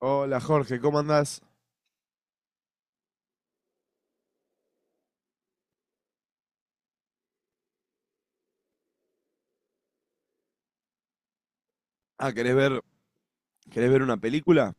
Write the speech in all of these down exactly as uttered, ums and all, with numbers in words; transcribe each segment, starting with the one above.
Hola Jorge, ¿cómo andás? Ah, ¿querés ver, querés ver una película?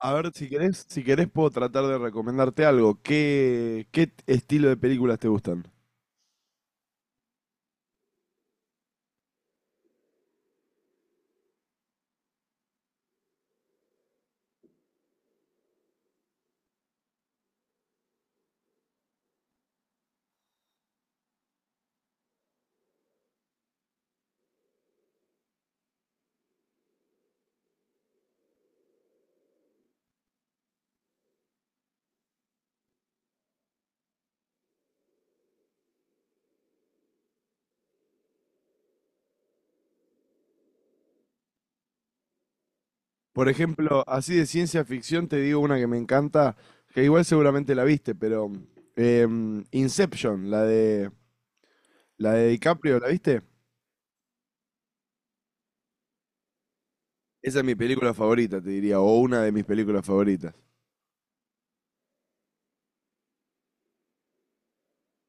A ver, si querés, si querés puedo tratar de recomendarte algo. ¿Qué, qué t- estilo de películas te gustan? Por ejemplo, así de ciencia ficción te digo una que me encanta, que igual seguramente la viste, pero em, Inception, la de la de DiCaprio, ¿la viste? Esa es mi película favorita, te diría, o una de mis películas favoritas.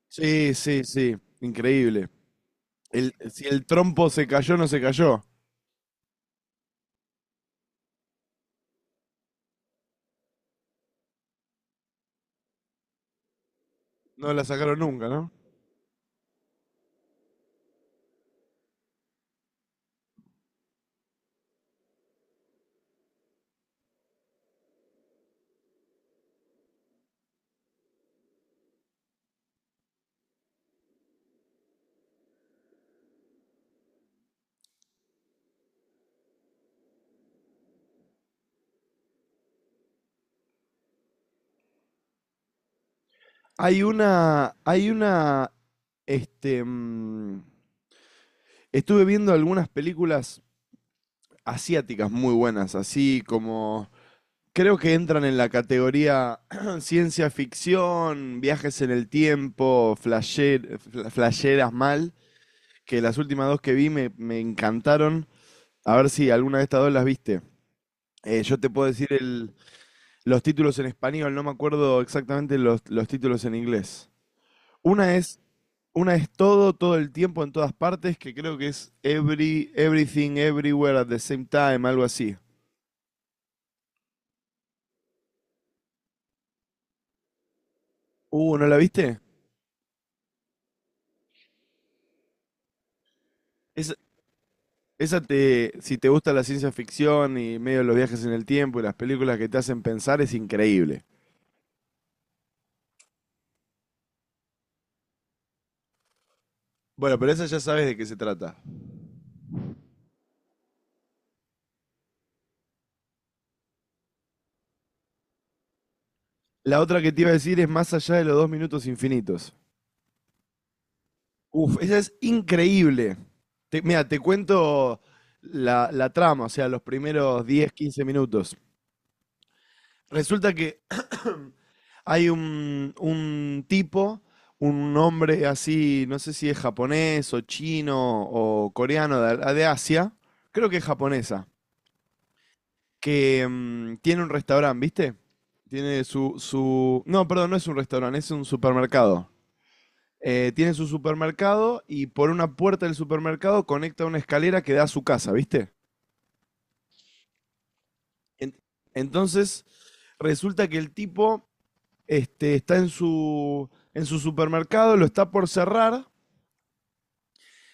Sí, sí, sí, increíble. El, si el trompo se cayó, no se cayó. No la sacaron nunca, ¿no? Hay una, hay una, este, mm, Estuve viendo algunas películas asiáticas muy buenas, así como, creo que entran en la categoría ciencia ficción, viajes en el tiempo, flasher, fla- flasheras mal, que las últimas dos que vi me, me encantaron. A ver si alguna de estas dos las viste. Eh, yo te puedo decir el, los títulos en español, no me acuerdo exactamente los, los títulos en inglés. Una es Una es todo, todo el tiempo, en todas partes, que creo que es every, everything, everywhere at the same time, algo así. Uh, ¿no la viste? Esa, esa te, si te gusta la ciencia ficción y medio los viajes en el tiempo y las películas que te hacen pensar, es increíble. Bueno, pero esa ya sabes de qué se trata. La otra que te iba a decir es Más allá de los dos minutos infinitos. Uf, esa es increíble. Te- mira, te cuento la, la trama, o sea, los primeros diez, quince minutos. Resulta que hay un, un tipo, un hombre así, no sé si es japonés o chino o coreano de, de, Asia, creo que es japonesa, que mm, tiene un restaurante, ¿viste? Tiene su, su... No, perdón, no es un restaurante, es un supermercado. Eh, tiene su supermercado y por una puerta del supermercado conecta una escalera que da a su casa, ¿viste? En- Entonces, resulta que el tipo este, está en su, en su supermercado, lo está por cerrar,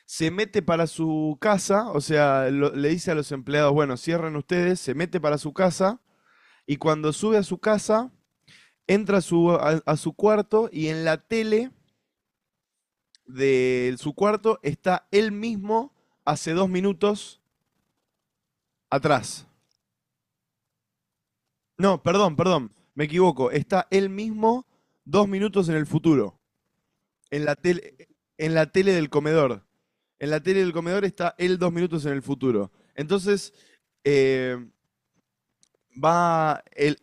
se mete para su casa, o sea, lo- le dice a los empleados, bueno, cierren ustedes, se mete para su casa, y cuando sube a su casa, entra a su, a- a su cuarto, y en la tele de su cuarto está él mismo hace dos minutos atrás. No, perdón, perdón, me equivoco, está él mismo dos minutos en el futuro, en la tele, en la tele del comedor. En la tele del comedor está él dos minutos en el futuro. Entonces, eh, va él,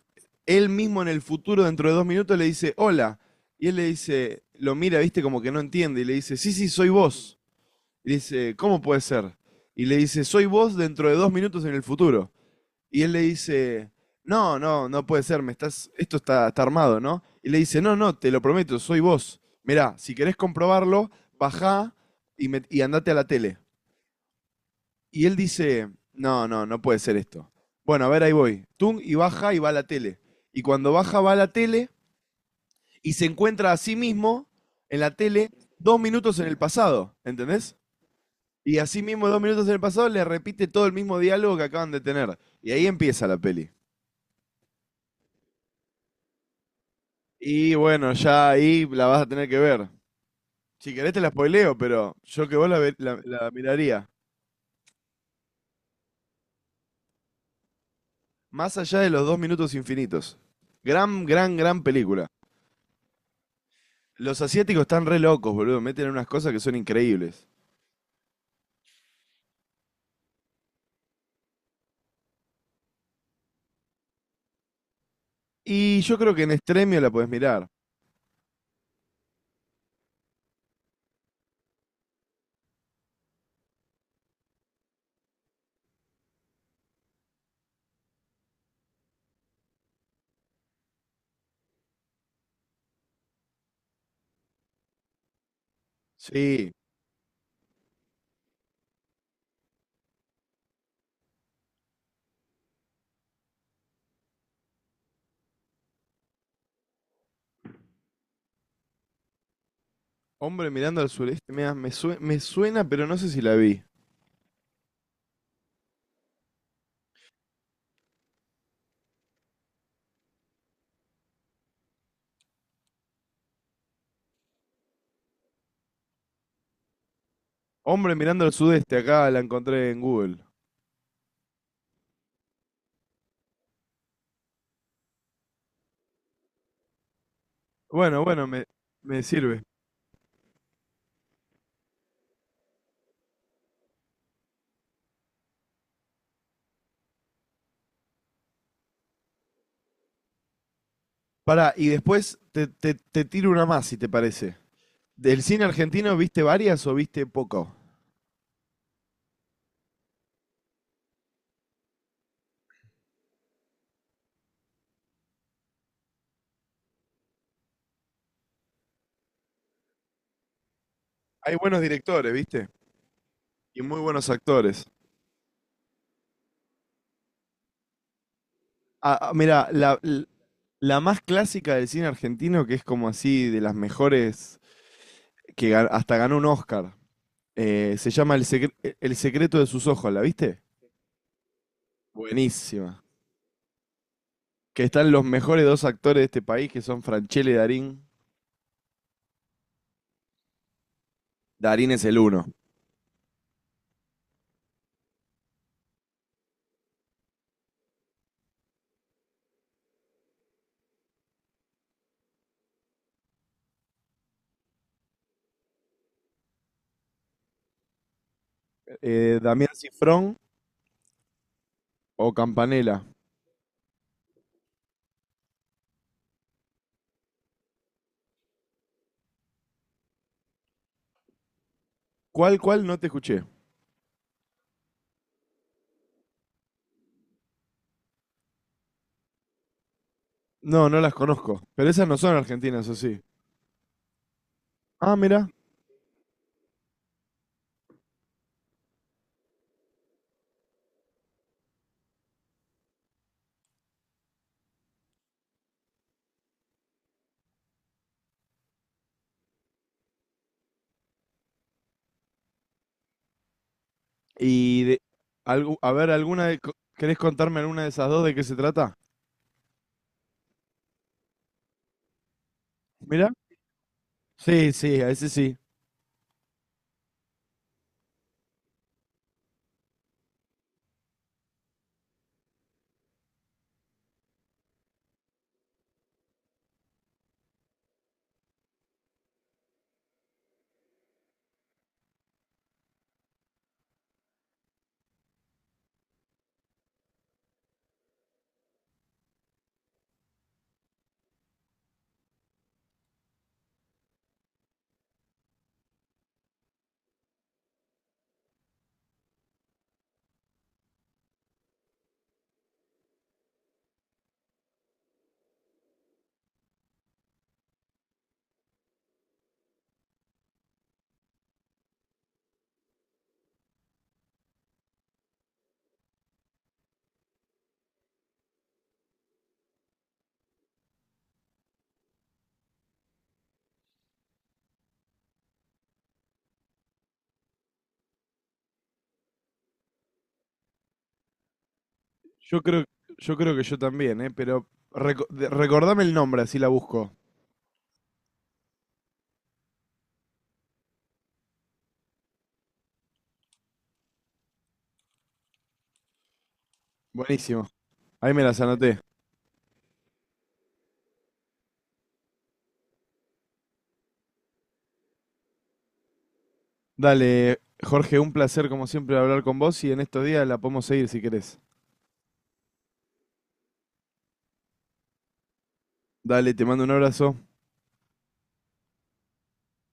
él mismo en el futuro, dentro de dos minutos, le dice, hola. Y él le dice, lo mira, viste, como que no entiende. Y le dice, sí, sí, soy vos. Y le dice, ¿cómo puede ser? Y le dice, soy vos dentro de dos minutos en el futuro. Y él le dice, no, no, no puede ser, me estás, esto está, está armado, ¿no? Y le dice, no, no, te lo prometo, soy vos. Mirá, si querés comprobarlo, bajá y, me- y andate a la tele. Y él dice, no, no, no puede ser esto. Bueno, a ver, ahí voy. Tung, y baja y va a la tele. Y cuando baja, va a la tele y se encuentra a sí mismo en la tele dos minutos en el pasado, ¿entendés? Y a sí mismo dos minutos en el pasado le repite todo el mismo diálogo que acaban de tener. Y ahí empieza la peli. Y bueno, ya ahí la vas a tener que ver. Si querés te la spoileo, pero yo que vos la, ve- la- la miraría. Más allá de los dos minutos infinitos. Gran, gran, gran película. Los asiáticos están re locos, boludo. Meten unas cosas que son increíbles. Y yo creo que en Extremio la podés mirar. Sí. Hombre mirando al sureste, me, da- me, sue- me suena, pero no sé si la vi. Hombre mirando al sudeste, acá la encontré en Google. Bueno, bueno, me, me sirve. Pará, y después te, te, te tiro una más, si te parece. ¿Del cine argentino viste varias o viste poco? Hay buenos directores, ¿viste? Y muy buenos actores. Ah, ah, mirá, la, l- la más clásica del cine argentino, que es como así de las mejores, que ga- hasta ganó un Oscar. Eh, se llama El secre- El secreto de sus ojos, ¿la viste? Buenísima. Que están los mejores dos actores de este país, que son Franchelle y Darín. Darín es el uno. Eh, Damián Cifrón o Campanella. ¿Cuál, cuál? No te escuché. No, no las conozco. Pero esas no son argentinas, ¿o sí? Ah, mira. Y de, algu- a ver, alguna de, co- ¿querés contarme alguna de esas dos de qué se trata? Mira. Sí, sí, a ese sí. Yo creo, yo creo que yo también, ¿eh? Pero reco- de- recordame el nombre, así la busco. Buenísimo. Ahí me las anoté. Dale, Jorge, un placer como siempre hablar con vos y en estos días la podemos seguir si querés. Dale, te mando un abrazo.